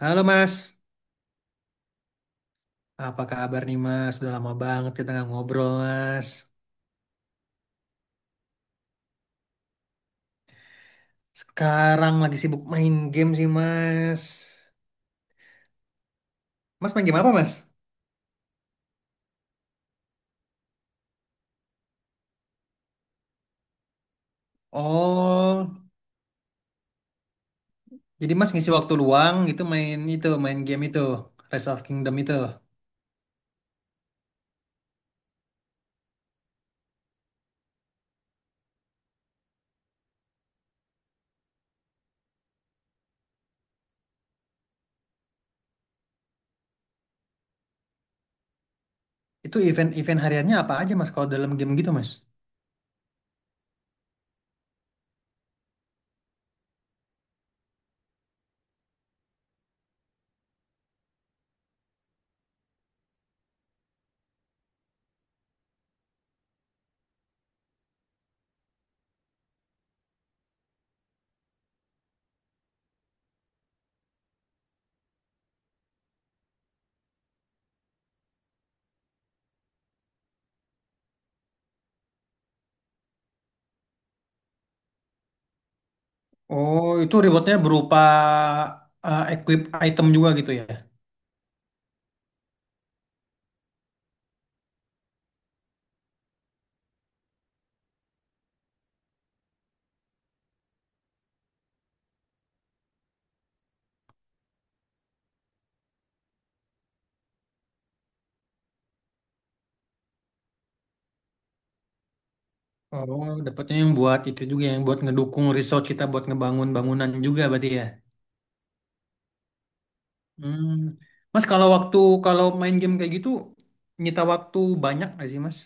Halo Mas, apa kabar nih Mas? Sudah lama banget kita nggak ngobrol Mas. Sekarang lagi sibuk main game sih Mas. Mas main game apa Mas? Oh, jadi Mas ngisi waktu luang gitu main game itu, Rise of Kingdom itu. Itu event-event hariannya apa aja Mas kalau dalam game gitu Mas? Oh, itu rewardnya berupa equip item juga gitu ya? Oh, dapatnya yang buat itu juga yang buat ngedukung research kita buat ngebangun bangunan juga berarti ya? Hmm. Mas kalau main game kayak gitu nyita waktu banyak nggak sih Mas?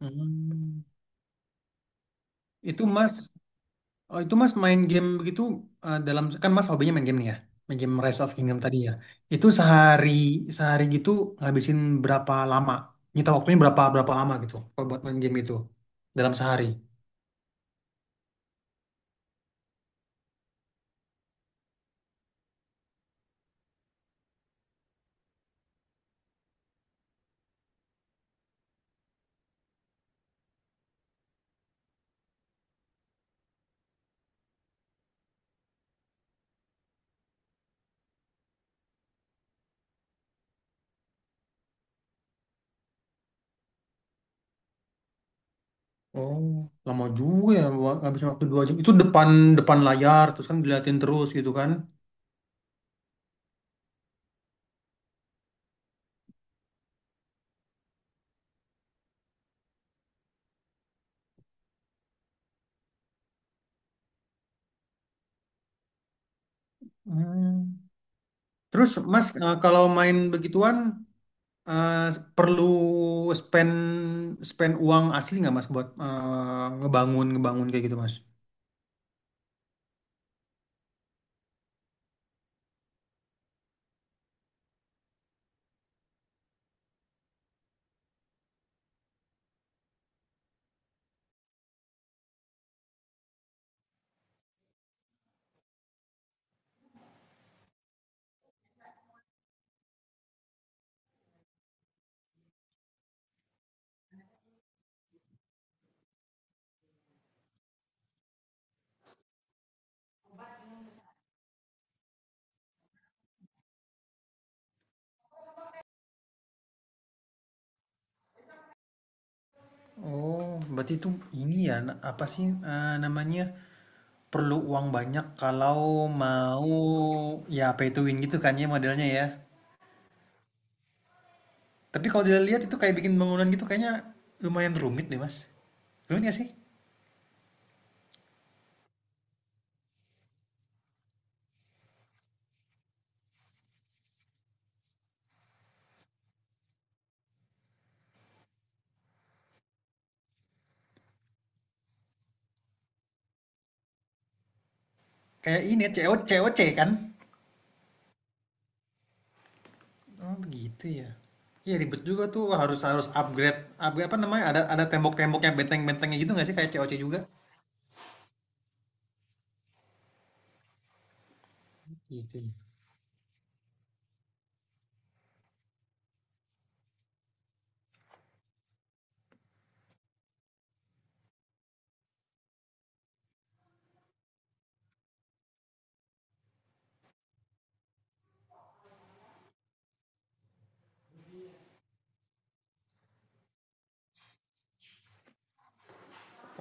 Hmm. Itu Mas oh, itu Mas main game begitu, dalam kan Mas hobinya main game nih ya. Main game Rise of Kingdom tadi ya. Itu sehari sehari gitu ngabisin berapa lama? Nyita waktunya berapa berapa lama gitu kalau buat main game itu dalam sehari. Oh, lama juga ya, ngabisin waktu 2 jam. Itu depan depan layar terus kan diliatin terus gitu kan. Hmm. Terus Mas, kalau main begituan eh, perlu spend spend uang asli nggak Mas buat ngebangun ngebangun kayak gitu Mas? Oh, berarti itu ini ya, apa sih, namanya, perlu uang banyak kalau mau ya pay to win gitu kan ya modelnya ya. Tapi kalau dilihat itu kayak bikin bangunan gitu kayaknya lumayan rumit deh Mas. Rumit nggak sih? Kayak ini ya, COC COC kan? Oh begitu ya. Iya, ribet juga tuh. Wah, harus harus upgrade upgrade apa namanya, ada tembok-temboknya, benteng-bentengnya gitu nggak sih kayak COC juga? Gitu, ya.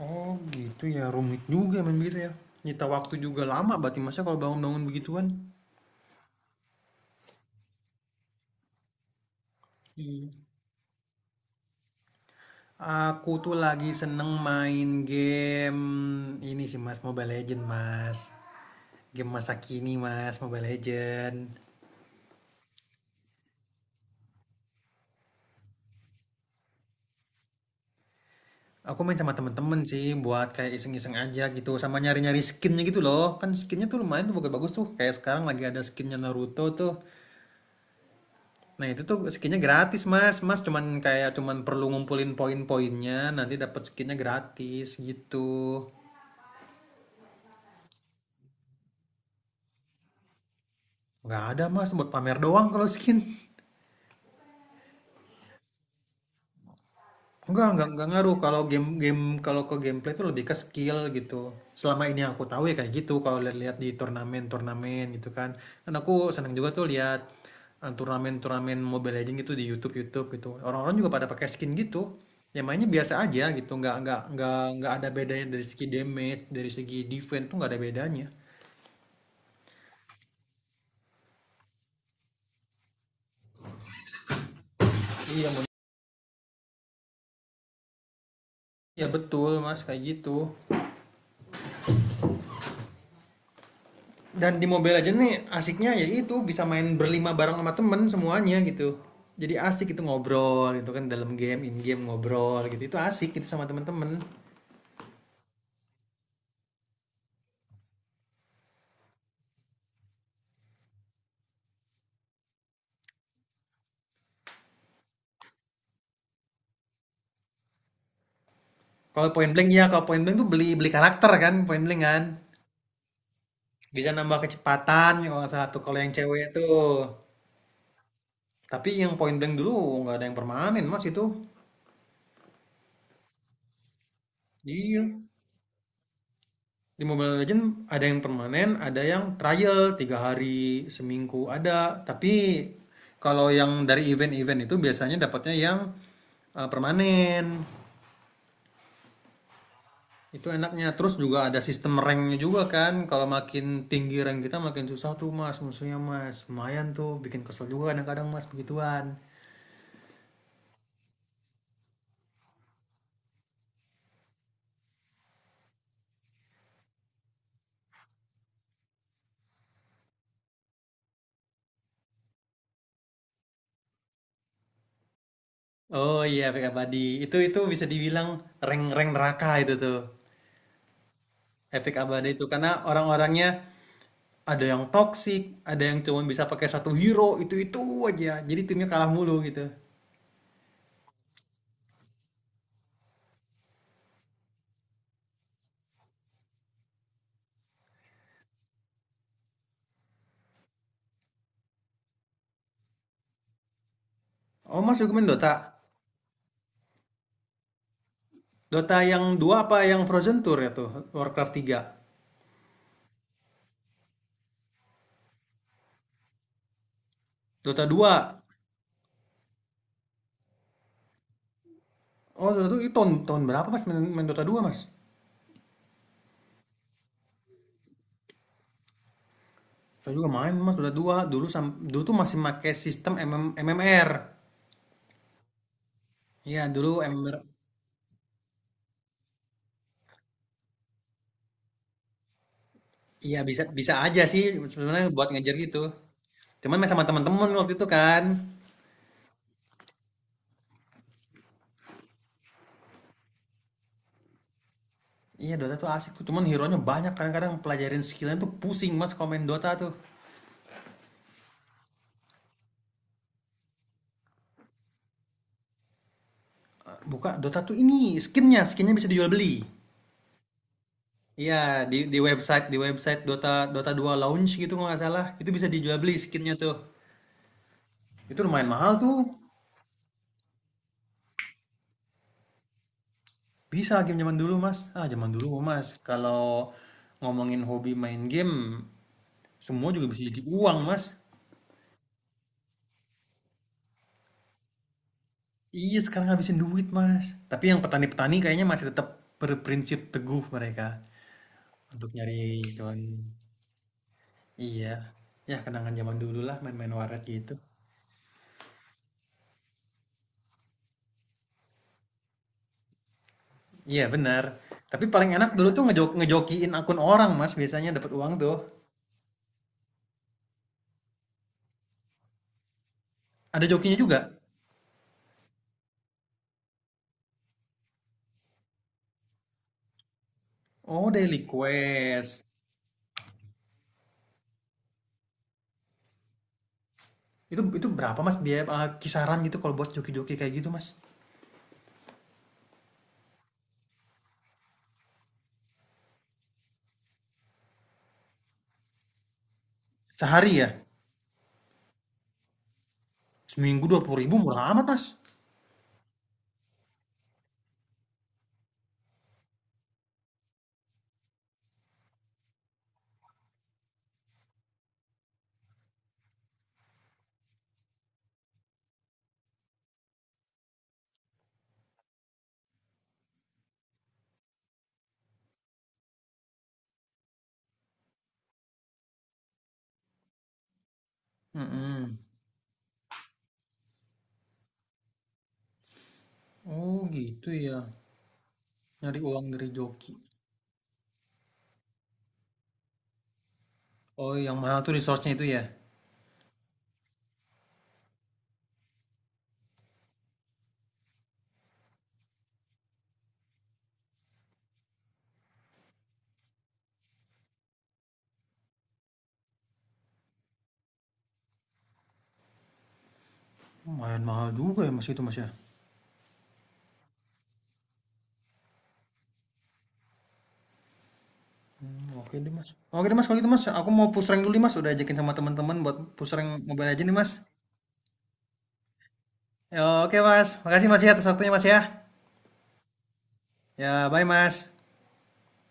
Oh gitu ya, rumit juga memang gitu ya. Nyita waktu juga lama berarti masa kalau bangun-bangun begituan. Hmm. Aku tuh lagi seneng main game ini sih mas, Mobile Legend mas. Game masa kini mas, Mobile Legend. Aku main sama temen-temen sih buat kayak iseng-iseng aja gitu, sama nyari-nyari skinnya gitu loh, kan skinnya tuh lumayan tuh, bagus-bagus tuh, kayak sekarang lagi ada skinnya Naruto tuh. Nah itu tuh skinnya gratis mas mas cuman perlu ngumpulin poin-poinnya nanti dapat skinnya gratis gitu. Nggak ada mas, buat pamer doang kalau skin. Enggak ngaruh kalau game, game kalau ke gameplay itu lebih ke skill gitu. Selama ini yang aku tahu ya kayak gitu, kalau lihat-lihat di turnamen-turnamen gitu kan. Dan aku seneng juga tuh lihat turnamen-turnamen Mobile Legends gitu di YouTube YouTube gitu. Orang-orang juga pada pakai skin gitu, yang mainnya biasa aja gitu. Enggak ada bedanya dari segi damage, dari segi defense tuh enggak ada bedanya. Iya, Mon. Iya betul Mas kayak gitu. Dan di Mobile Legends nih asiknya ya itu bisa main berlima bareng sama temen semuanya gitu, jadi asik itu ngobrol gitu kan dalam game, in game ngobrol gitu itu asik gitu sama temen-temen. Kalau point blank tuh beli beli karakter kan, point blank kan bisa nambah kecepatan ya kalau nggak salah tuh, kalau yang cewek tuh. Tapi yang point blank dulu nggak ada yang permanen mas itu. Iya. Di Mobile Legends ada yang permanen, ada yang trial 3 hari seminggu ada. Tapi kalau yang dari event-event itu biasanya dapatnya yang permanen. Itu enaknya. Terus juga ada sistem ranknya juga kan. Kalau makin tinggi rank kita makin susah tuh mas musuhnya mas. Lumayan tuh bikin kesel juga kadang-kadang mas begituan. Oh iya, Epic Abadi. Itu bisa dibilang rank-rank neraka itu tuh. Epic Abadi itu karena orang-orangnya ada yang toxic, ada yang cuma bisa pakai satu hero, itu-itu aja. Jadi timnya kalah mulu gitu. Oh, Mas juga main Dota? Dota yang 2 apa yang Frozen Tour ya tuh? Warcraft 3, Dota dua. Oh, Dota 2 itu tahun berapa Mas main Dota dua Mas? Saya juga main Mas Dota dua dulu tuh masih pakai sistem MMR. Iya, dulu MMR. Iya, bisa bisa aja sih sebenarnya buat ngejar gitu. Cuman main sama teman-teman waktu itu kan. Iya Dota tuh asik tuh, cuman hero-nya banyak kadang-kadang pelajarin skillnya tuh pusing mas kalau main Dota tuh. Buka Dota tuh ini skinnya bisa dijual beli. Iya, di website Dota Dota dua launch gitu kalau nggak salah itu bisa dijual beli skinnya tuh. Itu lumayan mahal tuh. Bisa, game zaman dulu mas. Ah zaman dulu mas. Kalau ngomongin hobi main game, semua juga bisa jadi uang mas. Iya sekarang habisin duit mas. Tapi yang petani-petani kayaknya masih tetap berprinsip teguh mereka untuk nyari cuan. Iya. Ya kenangan zaman dulu lah main-main warnet gitu. Iya benar. Tapi paling enak dulu tuh ngejokiin akun orang Mas, biasanya dapat uang tuh. Ada jokinya juga? Oh, daily quest. Itu berapa Mas biaya, kisaran gitu kalau buat joki-joki kayak gitu Mas? Sehari ya? Seminggu 20.000 murah amat Mas. Mm-mm. Oh gitu ya. Nyari uang dari joki. Oh, yang mahal tuh resource-nya itu ya. Lumayan mahal juga ya Mas, itu Mas ya. Hmm, oke deh mas. Oke deh mas, kalau gitu mas, aku mau push rank dulu nih mas. Udah ajakin sama teman-teman buat push rank mobile aja nih mas. Ya, oke mas, makasih mas ya atas waktunya mas ya. Ya, bye mas.